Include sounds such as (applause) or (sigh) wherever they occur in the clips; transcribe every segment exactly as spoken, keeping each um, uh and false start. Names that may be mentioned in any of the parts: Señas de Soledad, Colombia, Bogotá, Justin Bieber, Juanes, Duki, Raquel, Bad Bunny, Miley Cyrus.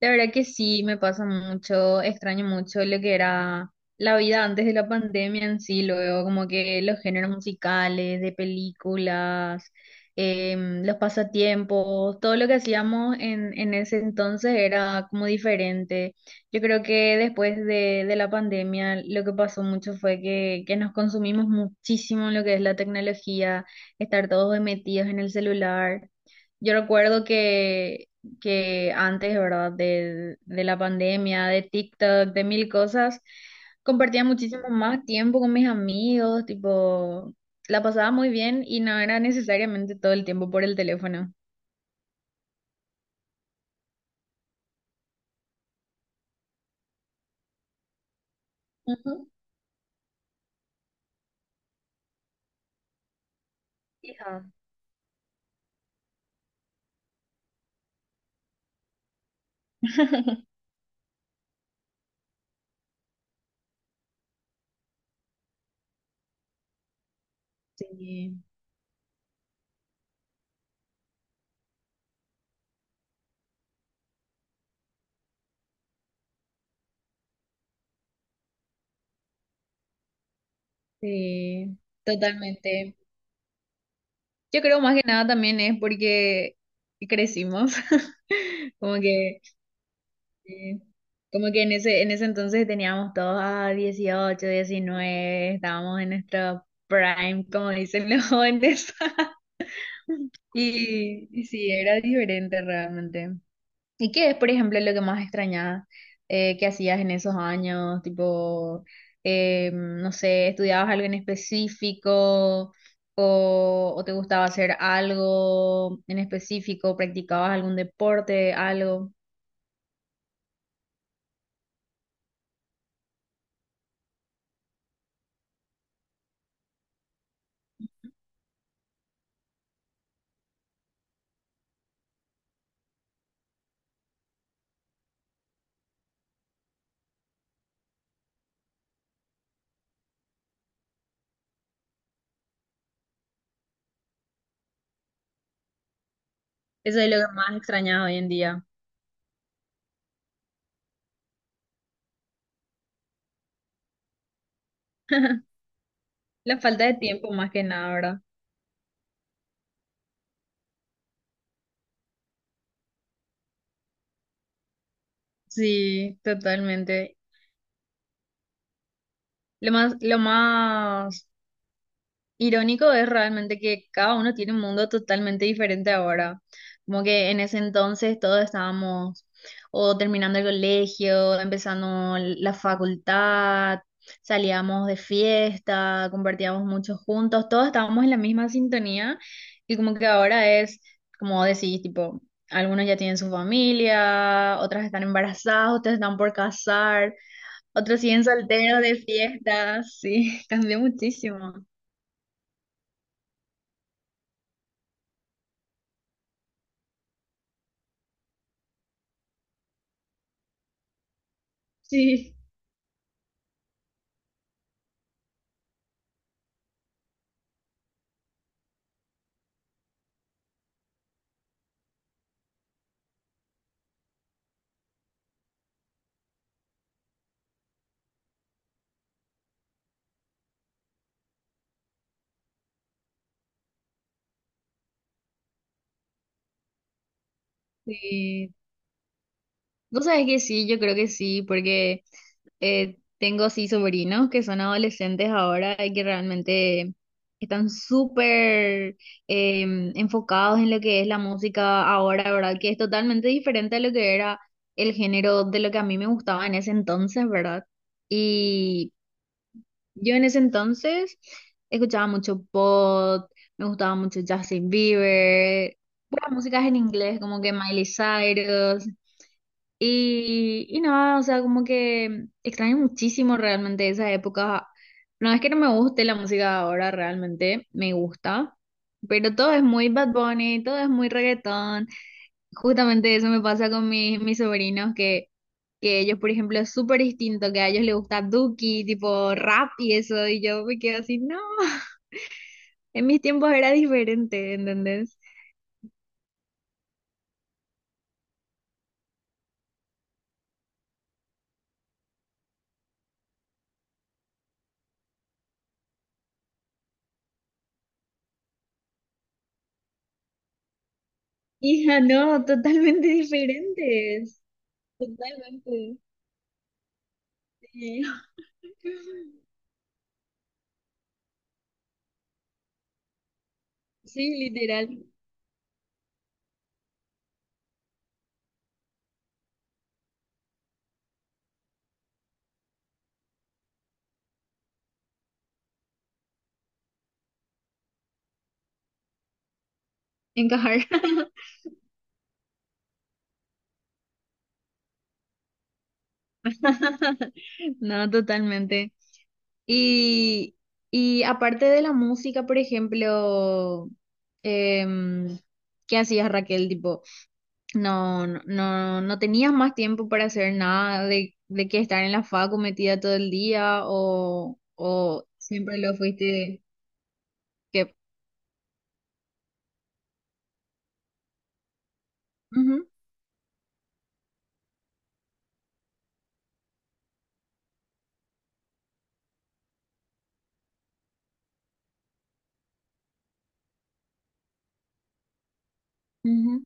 La verdad que sí, me pasa mucho, extraño mucho lo que era la vida antes de la pandemia en sí, luego como que los géneros musicales, de películas, em, los pasatiempos, todo lo que hacíamos en, en ese entonces era como diferente. Yo creo que después de, de la pandemia lo que pasó mucho fue que, que nos consumimos muchísimo en lo que es la tecnología, estar todos metidos en el celular. Yo recuerdo que que antes, ¿verdad? De, de la pandemia, de TikTok, de mil cosas, compartía muchísimo más tiempo con mis amigos, tipo, la pasaba muy bien y no era necesariamente todo el tiempo por el teléfono. Ujú. Hija, sí, sí, totalmente. Yo creo más que nada también es porque crecimos, (laughs) como que sí. Como que en ese, en ese entonces teníamos todos a dieciocho diecinueve, estábamos en nuestro prime, como dicen los jóvenes. (laughs) Y, y sí, era diferente realmente. ¿Y qué es, por ejemplo, lo que más extrañabas eh, que hacías en esos años? Tipo, eh, no sé, ¿estudiabas algo en específico o, o te gustaba hacer algo en específico? ¿Practicabas algún deporte, algo? Eso es lo que más extrañas hoy en día. (laughs) La falta de tiempo más que nada, ¿verdad? Sí, totalmente. Lo más, lo más irónico es realmente que cada uno tiene un mundo totalmente diferente ahora. Como que en ese entonces todos estábamos o terminando el colegio, empezando la facultad, salíamos de fiesta, compartíamos mucho juntos, todos estábamos en la misma sintonía y como que ahora es, como decís, tipo, algunos ya tienen su familia, otras están embarazadas, otras están por casar, otros siguen solteros de fiesta, sí, (laughs) cambió muchísimo. Sí. Sí. Vos sabés que sí, yo creo que sí, porque eh, tengo sí sobrinos que son adolescentes ahora y que realmente están súper eh, enfocados en lo que es la música ahora, ¿verdad? Que es totalmente diferente a lo que era el género de lo que a mí me gustaba en ese entonces, ¿verdad? Y yo en ese entonces escuchaba mucho pop, me gustaba mucho Justin Bieber, puras músicas en inglés como que Miley Cyrus. Y, y nada, o sea, como que extraño muchísimo realmente esa época. No es que no me guste la música ahora, realmente me gusta, pero todo es muy Bad Bunny, todo es muy reggaetón. Justamente eso me pasa con mis, mis sobrinos, que, que ellos, por ejemplo, es súper distinto, que a ellos les gusta Duki, tipo rap y eso, y yo me quedo así, no, (laughs) en mis tiempos era diferente, ¿entendés? Hija, no, totalmente (laughs) diferentes, totalmente. Sí. (laughs) Sí, literal, encajar. (laughs) No, totalmente. Y, y aparte de la música, por ejemplo, em, ¿qué hacías, Raquel? Tipo, no, no, no no tenías más tiempo para hacer nada de, de que estar en la facu metida todo el día o, o siempre lo fuiste que... Ujú, ujú.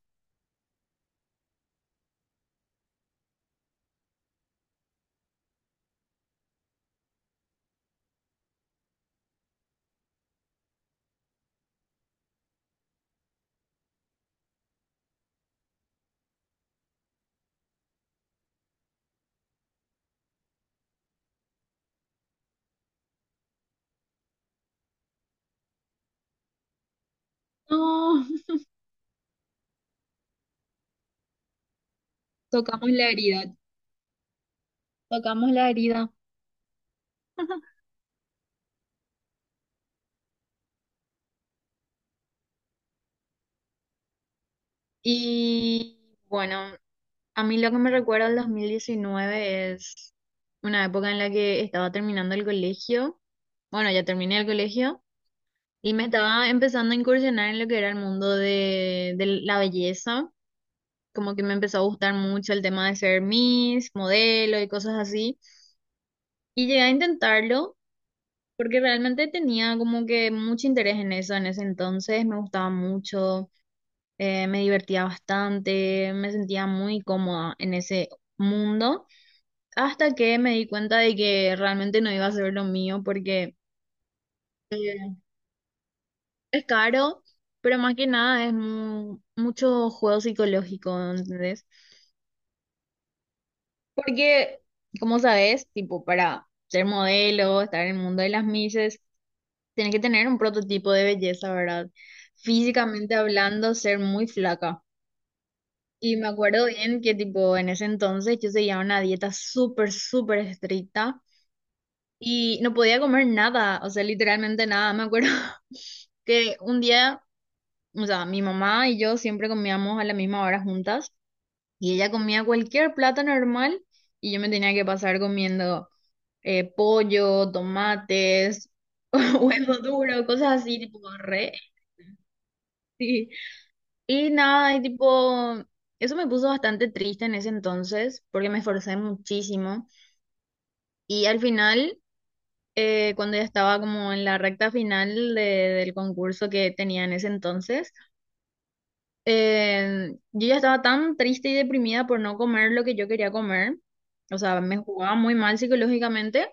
No, tocamos la herida, tocamos la herida. (laughs) Y bueno. A mí lo que me recuerda al dos mil diecinueve es una época en la que estaba terminando el colegio. Bueno, ya terminé el colegio y me estaba empezando a incursionar en lo que era el mundo de, de la belleza. Como que me empezó a gustar mucho el tema de ser Miss, modelo y cosas así. Y llegué a intentarlo porque realmente tenía como que mucho interés en eso en ese entonces. Me gustaba mucho, eh, me divertía bastante, me sentía muy cómoda en ese mundo. Hasta que me di cuenta de que realmente no iba a ser lo mío porque eh, es caro, pero más que nada es mu- mucho juego psicológico, ¿entendés? Porque, como sabes, tipo, para ser modelo, estar en el mundo de las misses tienes que tener un prototipo de belleza, ¿verdad? Físicamente hablando, ser muy flaca. Y me acuerdo bien que, tipo, en ese entonces yo seguía una dieta súper, súper estricta. Y no podía comer nada, o sea, literalmente nada. Me acuerdo (laughs) que un día, o sea, mi mamá y yo siempre comíamos a la misma hora juntas y ella comía cualquier plato normal y yo me tenía que pasar comiendo eh, pollo, tomates, (laughs) huevo duro, cosas así, tipo re. (laughs) Sí. Y nada, y tipo, eso me puso bastante triste en ese entonces porque me esforcé muchísimo y al final... eh, cuando ya estaba como en la recta final de- del concurso que tenía en ese entonces, eh, yo ya estaba tan triste y deprimida por no comer lo que yo quería comer. O sea, me jugaba muy mal psicológicamente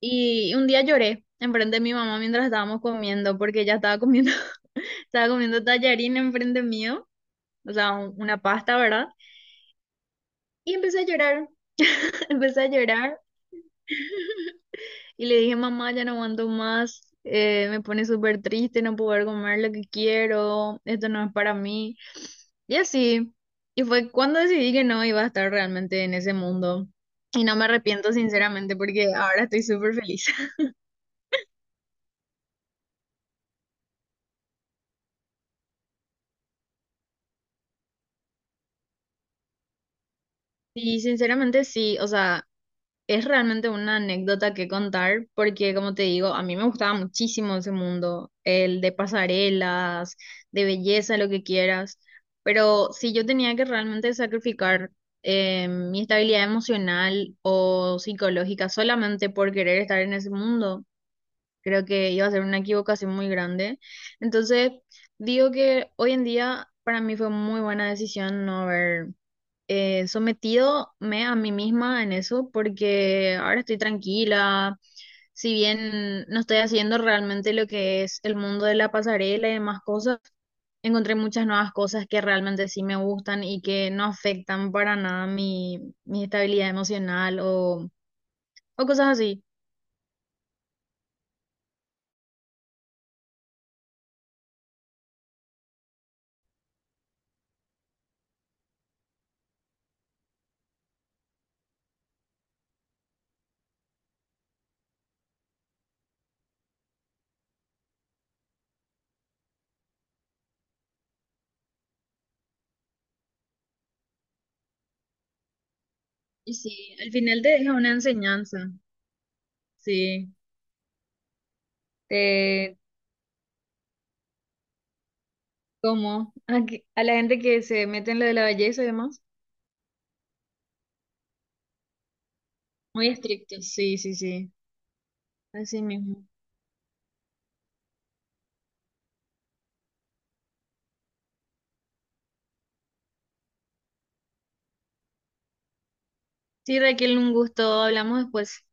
y un día lloré enfrente de mi mamá mientras estábamos comiendo porque ella estaba comiendo, (laughs) estaba comiendo tallarín enfrente mío, o sea, un- una pasta, ¿verdad? Y empecé a llorar, (laughs) empecé a llorar. Y le dije, mamá, ya no aguanto más, eh, me pone súper triste no poder comer lo que quiero, esto no es para mí. Y así. Y fue cuando decidí que no iba a estar realmente en ese mundo. Y no me arrepiento sinceramente porque ahora estoy súper feliz. (laughs) Y sinceramente sí, o sea, es realmente una anécdota que contar porque, como te digo, a mí me gustaba muchísimo ese mundo, el de pasarelas, de belleza, lo que quieras, pero si yo tenía que realmente sacrificar eh, mi estabilidad emocional o psicológica solamente por querer estar en ese mundo, creo que iba a ser una equivocación muy grande. Entonces, digo que hoy en día para mí fue muy buena decisión no haber eh, sometido me a mí misma en eso porque ahora estoy tranquila, si bien no estoy haciendo realmente lo que es el mundo de la pasarela y demás cosas, encontré muchas nuevas cosas que realmente sí me gustan y que no afectan para nada mi, mi estabilidad emocional o, o cosas así. Y sí, al final te deja una enseñanza, sí, te como a, que- a la gente que se mete en lo de la belleza y demás, muy estricto sí, sí, sí, así mismo. Sí, Raquel, un gusto. Hablamos después.